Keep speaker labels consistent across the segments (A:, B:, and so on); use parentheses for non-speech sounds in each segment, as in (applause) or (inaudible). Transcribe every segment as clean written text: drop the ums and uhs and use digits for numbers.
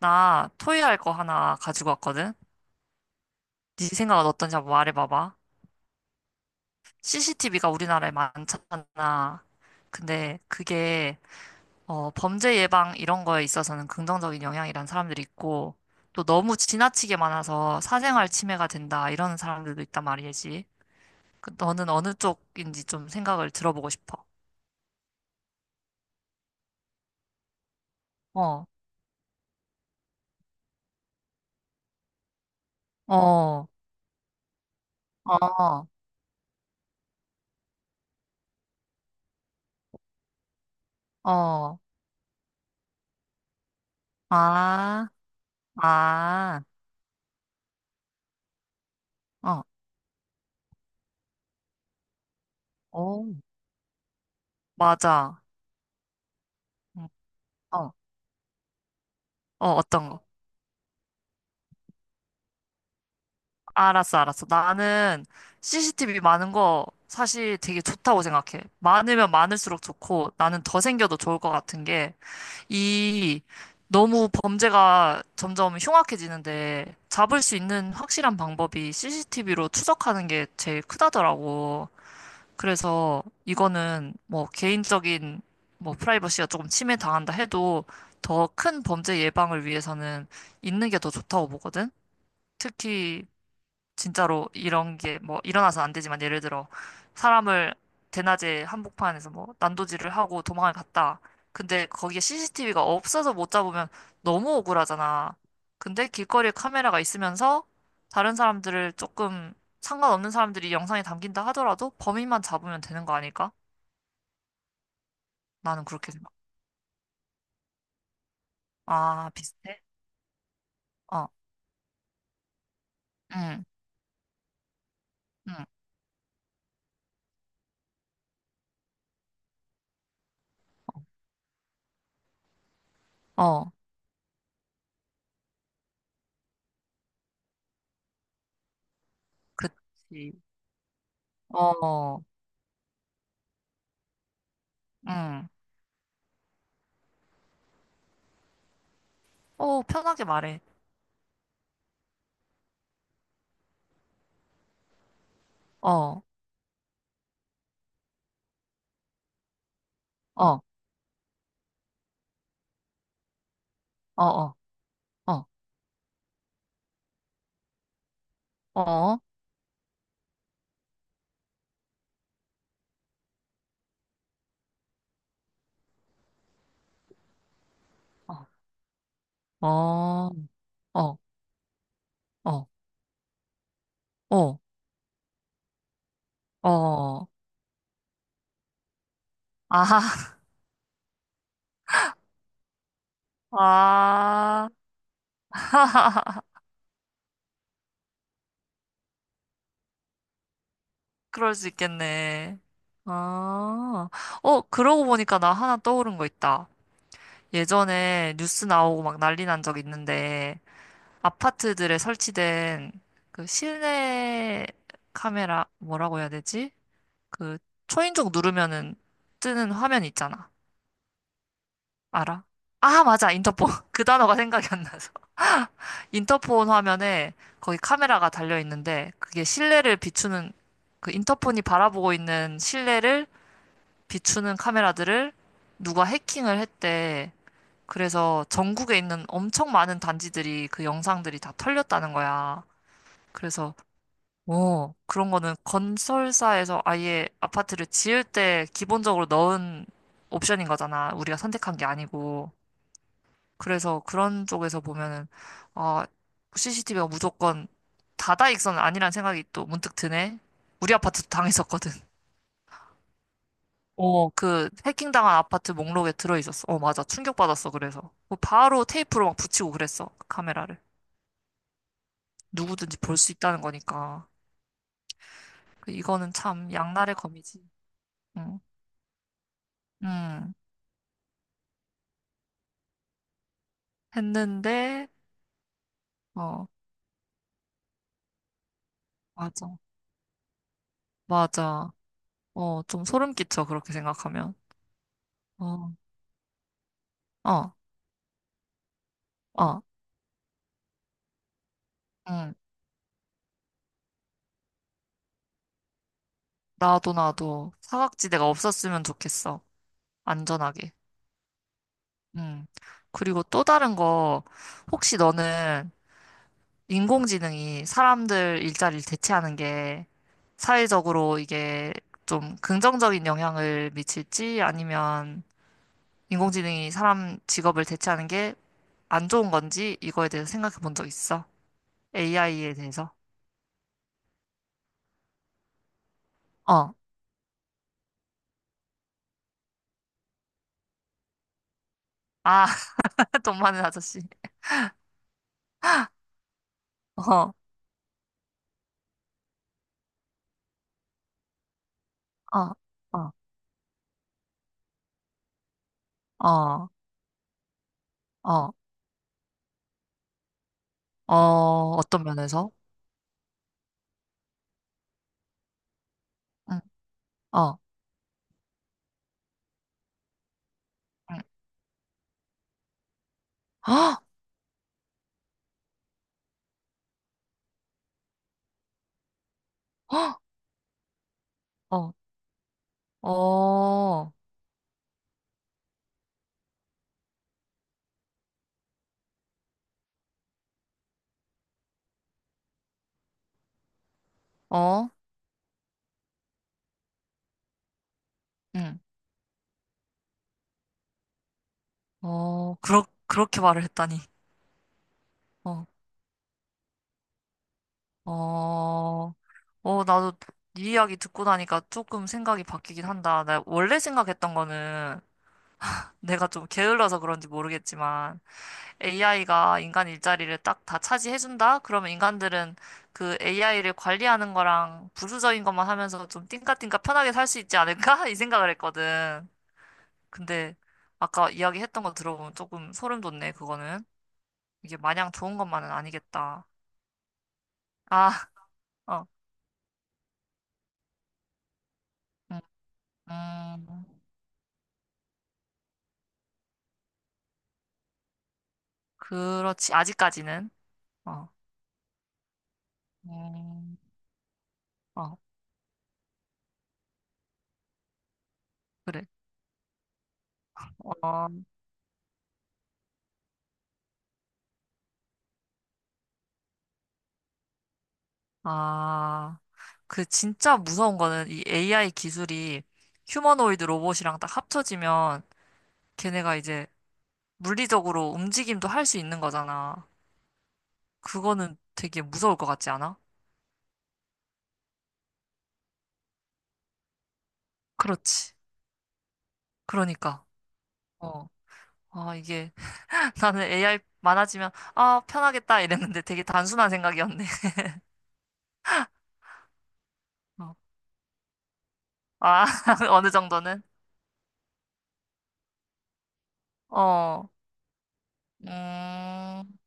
A: 나 토의할 거 하나 가지고 왔거든? 네 생각은 어떤지 한번 말해봐봐. CCTV가 우리나라에 많잖아. 근데 그게 범죄 예방 이런 거에 있어서는 긍정적인 영향이란 사람들이 있고 또 너무 지나치게 많아서 사생활 침해가 된다 이런 사람들도 있단 말이지. 그 너는 어느 쪽인지 좀 생각을 들어보고 싶어. 어, 어, 어, 어, 아, 아, 어, 오, 맞아. 음, 어, 어, 어떤 거? 알았어, 알았어. 나는 CCTV 많은 거 사실 되게 좋다고 생각해. 많으면 많을수록 좋고 나는 더 생겨도 좋을 것 같은 게 이 너무 범죄가 점점 흉악해지는데 잡을 수 있는 확실한 방법이 CCTV로 추적하는 게 제일 크다더라고. 그래서 이거는 뭐 개인적인 뭐 프라이버시가 조금 침해당한다 해도 더 큰 범죄 예방을 위해서는 있는 게 더 좋다고 보거든. 특히 진짜로 이런 게 뭐 일어나서 안 되지만 예를 들어 사람을 대낮에 한복판에서 뭐 난도질을 하고 도망을 갔다. 근데 거기에 CCTV가 없어서 못 잡으면 너무 억울하잖아. 근데 길거리에 카메라가 있으면서 다른 사람들을 조금 상관없는 사람들이 영상에 담긴다 하더라도 범인만 잡으면 되는 거 아닐까? 나는 그렇게 생각. 아, 비슷해? 어, 응, 응, 어, 그치. 어, 응. 어, 편하게 말해. 어, 어, 어, 어. 어. 어, 어, 어, 어, 어, 어, 어. 아하, 아, (laughs) 그럴 수 있겠네. 아, 어, 그러고 보니까 나 하나 떠오른 거 있다. 예전에 뉴스 나오고 막 난리 난 적 있는데, 아파트들에 설치된 그 실내 카메라, 뭐라고 해야 되지? 그 초인종 누르면은 뜨는 화면 있잖아. 알아? 아, 맞아. 인터폰. (laughs) 그 단어가 생각이 안 나서. 인터폰 화면에 거기 카메라가 달려 있는데 그게 실내를 비추는 그 인터폰이 바라보고 있는 실내를 비추는 카메라들을 누가 해킹을 했대. 그래서 전국에 있는 엄청 많은 단지들이 그 영상들이 다 털렸다는 거야. 그래서 그런 거는 건설사에서 아예 아파트를 지을 때 기본적으로 넣은 옵션인 거잖아. 우리가 선택한 게 아니고. 그래서 그런 쪽에서 보면은, 어 CCTV가 무조건 다다익선은 아니란 생각이 또 문득 드네. 우리 아파트도 당했었거든. (laughs) 어, 그 해킹당한 아파트 목록에 들어있었어. 어, 맞아. 충격받았어, 그래서. 뭐 바로 테이프로 막 붙이고 그랬어, 그 카메라를. 누구든지 볼 수 있다는 거니까. 그 이거는 참 양날의 검이지. 응, 응. 했는데, 어, 맞아. 맞아. 어, 좀 소름 끼쳐, 그렇게 생각하면. 어, 어, 어, 응. 나도, 나도. 사각지대가 없었으면 좋겠어. 안전하게. 음. 그리고 또 다른 거, 혹시 너는 인공지능이 사람들 일자리를 대체하는 게 사회적으로 이게 좀 긍정적인 영향을 미칠지 아니면 인공지능이 사람 직업을 대체하는 게 안 좋은 건지 이거에 대해서 생각해 본 적 있어? AI에 대해서? 어. 아, (laughs) 돈 많은 아저씨. 어, 어, 어, 어, 어, 어, 어떤 면에서? 응, 어, 응. 헉! 헉! 어, 어, 어, 응, 어, 그렇게 말을 했다니. 어, 어, 어, 나도 네 이야기 듣고 나니까 조금 생각이 바뀌긴 한다. 나 원래 생각했던 거는 내가 좀 게을러서 그런지 모르겠지만 AI가 인간 일자리를 딱 다 차지해준다? 그러면 인간들은 그 AI를 관리하는 거랑 부수적인 것만 하면서 좀 띵까띵까 편하게 살 수 있지 않을까? (laughs) 이 생각을 했거든. 근데 아까 이야기했던 거 들어보면 조금 소름 돋네, 그거는. 이게 마냥 좋은 것만은 아니겠다. 아, 어, 음, 음, 그렇지, 아직까지는. 어, 음, 어, 그래. 어, 아, 그 진짜 무서운 거는 이 AI 기술이 휴머노이드 로봇이랑 딱 합쳐지면 걔네가 이제 물리적으로 움직임도 할 수 있는 거잖아. 그거는 되게 무서울 것 같지 않아? 그렇지. 그러니까. 어, 아, 이게. 나는 AI 많아지면, 아, 편하겠다 이랬는데 되게 단순한 생각이었네. (laughs) 어. 아, (laughs) 어느 정도는? 어, 음,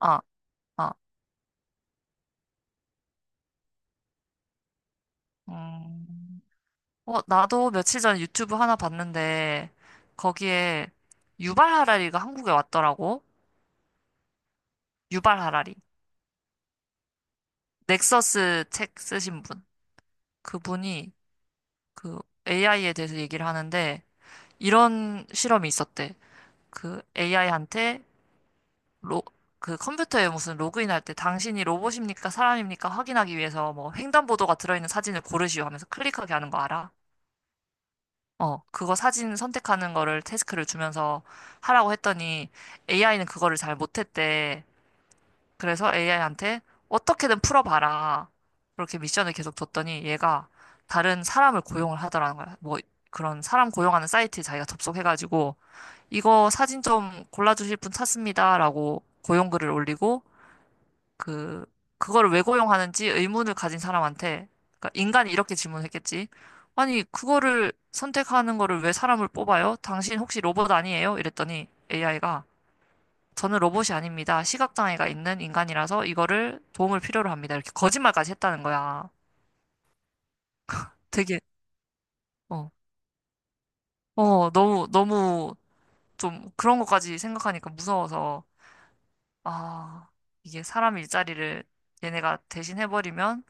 A: 아, 아, 음. 어, 나도 며칠 전 유튜브 하나 봤는데, 거기에 유발 하라리가 한국에 왔더라고. 유발 하라리. 넥서스 책 쓰신 분. 그분이 그 AI에 대해서 얘기를 하는데, 이런 실험이 있었대. 그 AI한테 로, 그 컴퓨터에 무슨 로그인할 때 당신이 로봇입니까? 사람입니까? 확인하기 위해서 뭐 횡단보도가 들어있는 사진을 고르시오 하면서 클릭하게 하는 거 알아? 어, 그거 사진 선택하는 거를 태스크를 주면서 하라고 했더니 AI는 그거를 잘 못했대. 그래서 AI한테 어떻게든 풀어봐라. 그렇게 미션을 계속 줬더니 얘가 다른 사람을 고용을 하더라는 거야. 뭐 그런 사람 고용하는 사이트에 자기가 접속해가지고 이거 사진 좀 골라주실 분 찾습니다라고 고용글을 올리고 그, 그거를 왜 고용하는지 의문을 가진 사람한테, 그러니까 인간이 이렇게 질문했겠지. 아니, 그거를 선택하는 거를 왜 사람을 뽑아요? 당신 혹시 로봇 아니에요? 이랬더니 AI가 저는 로봇이 아닙니다. 시각장애가 있는 인간이라서 이거를 도움을 필요로 합니다. 이렇게 거짓말까지 했다는 거야. 되게, 어, 어, 너무, 너무 좀 그런 것까지 생각하니까 무서워서, 아, 이게 사람 일자리를 얘네가 대신 해버리면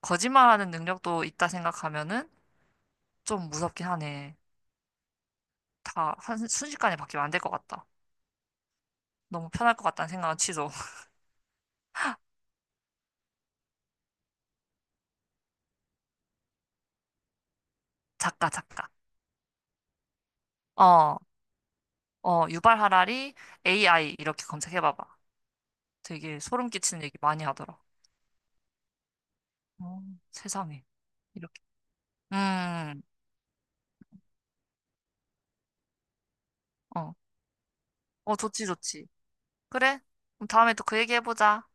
A: 거짓말하는 능력도 있다 생각하면은 좀 무섭긴 하네. 다 순식간에 바뀌면 안 될 것 같다. 너무 편할 것 같다는 생각은 취소. (laughs) 작가, 작가. 어, 어, 유발 하라리 AI 이렇게 검색해봐봐. 되게 소름 끼치는 얘기 많이 하더라. 어, 세상에. 이렇게. 음, 어, 어, 좋지, 좋지. 그래? 그럼 다음에 또 그 얘기 해보자.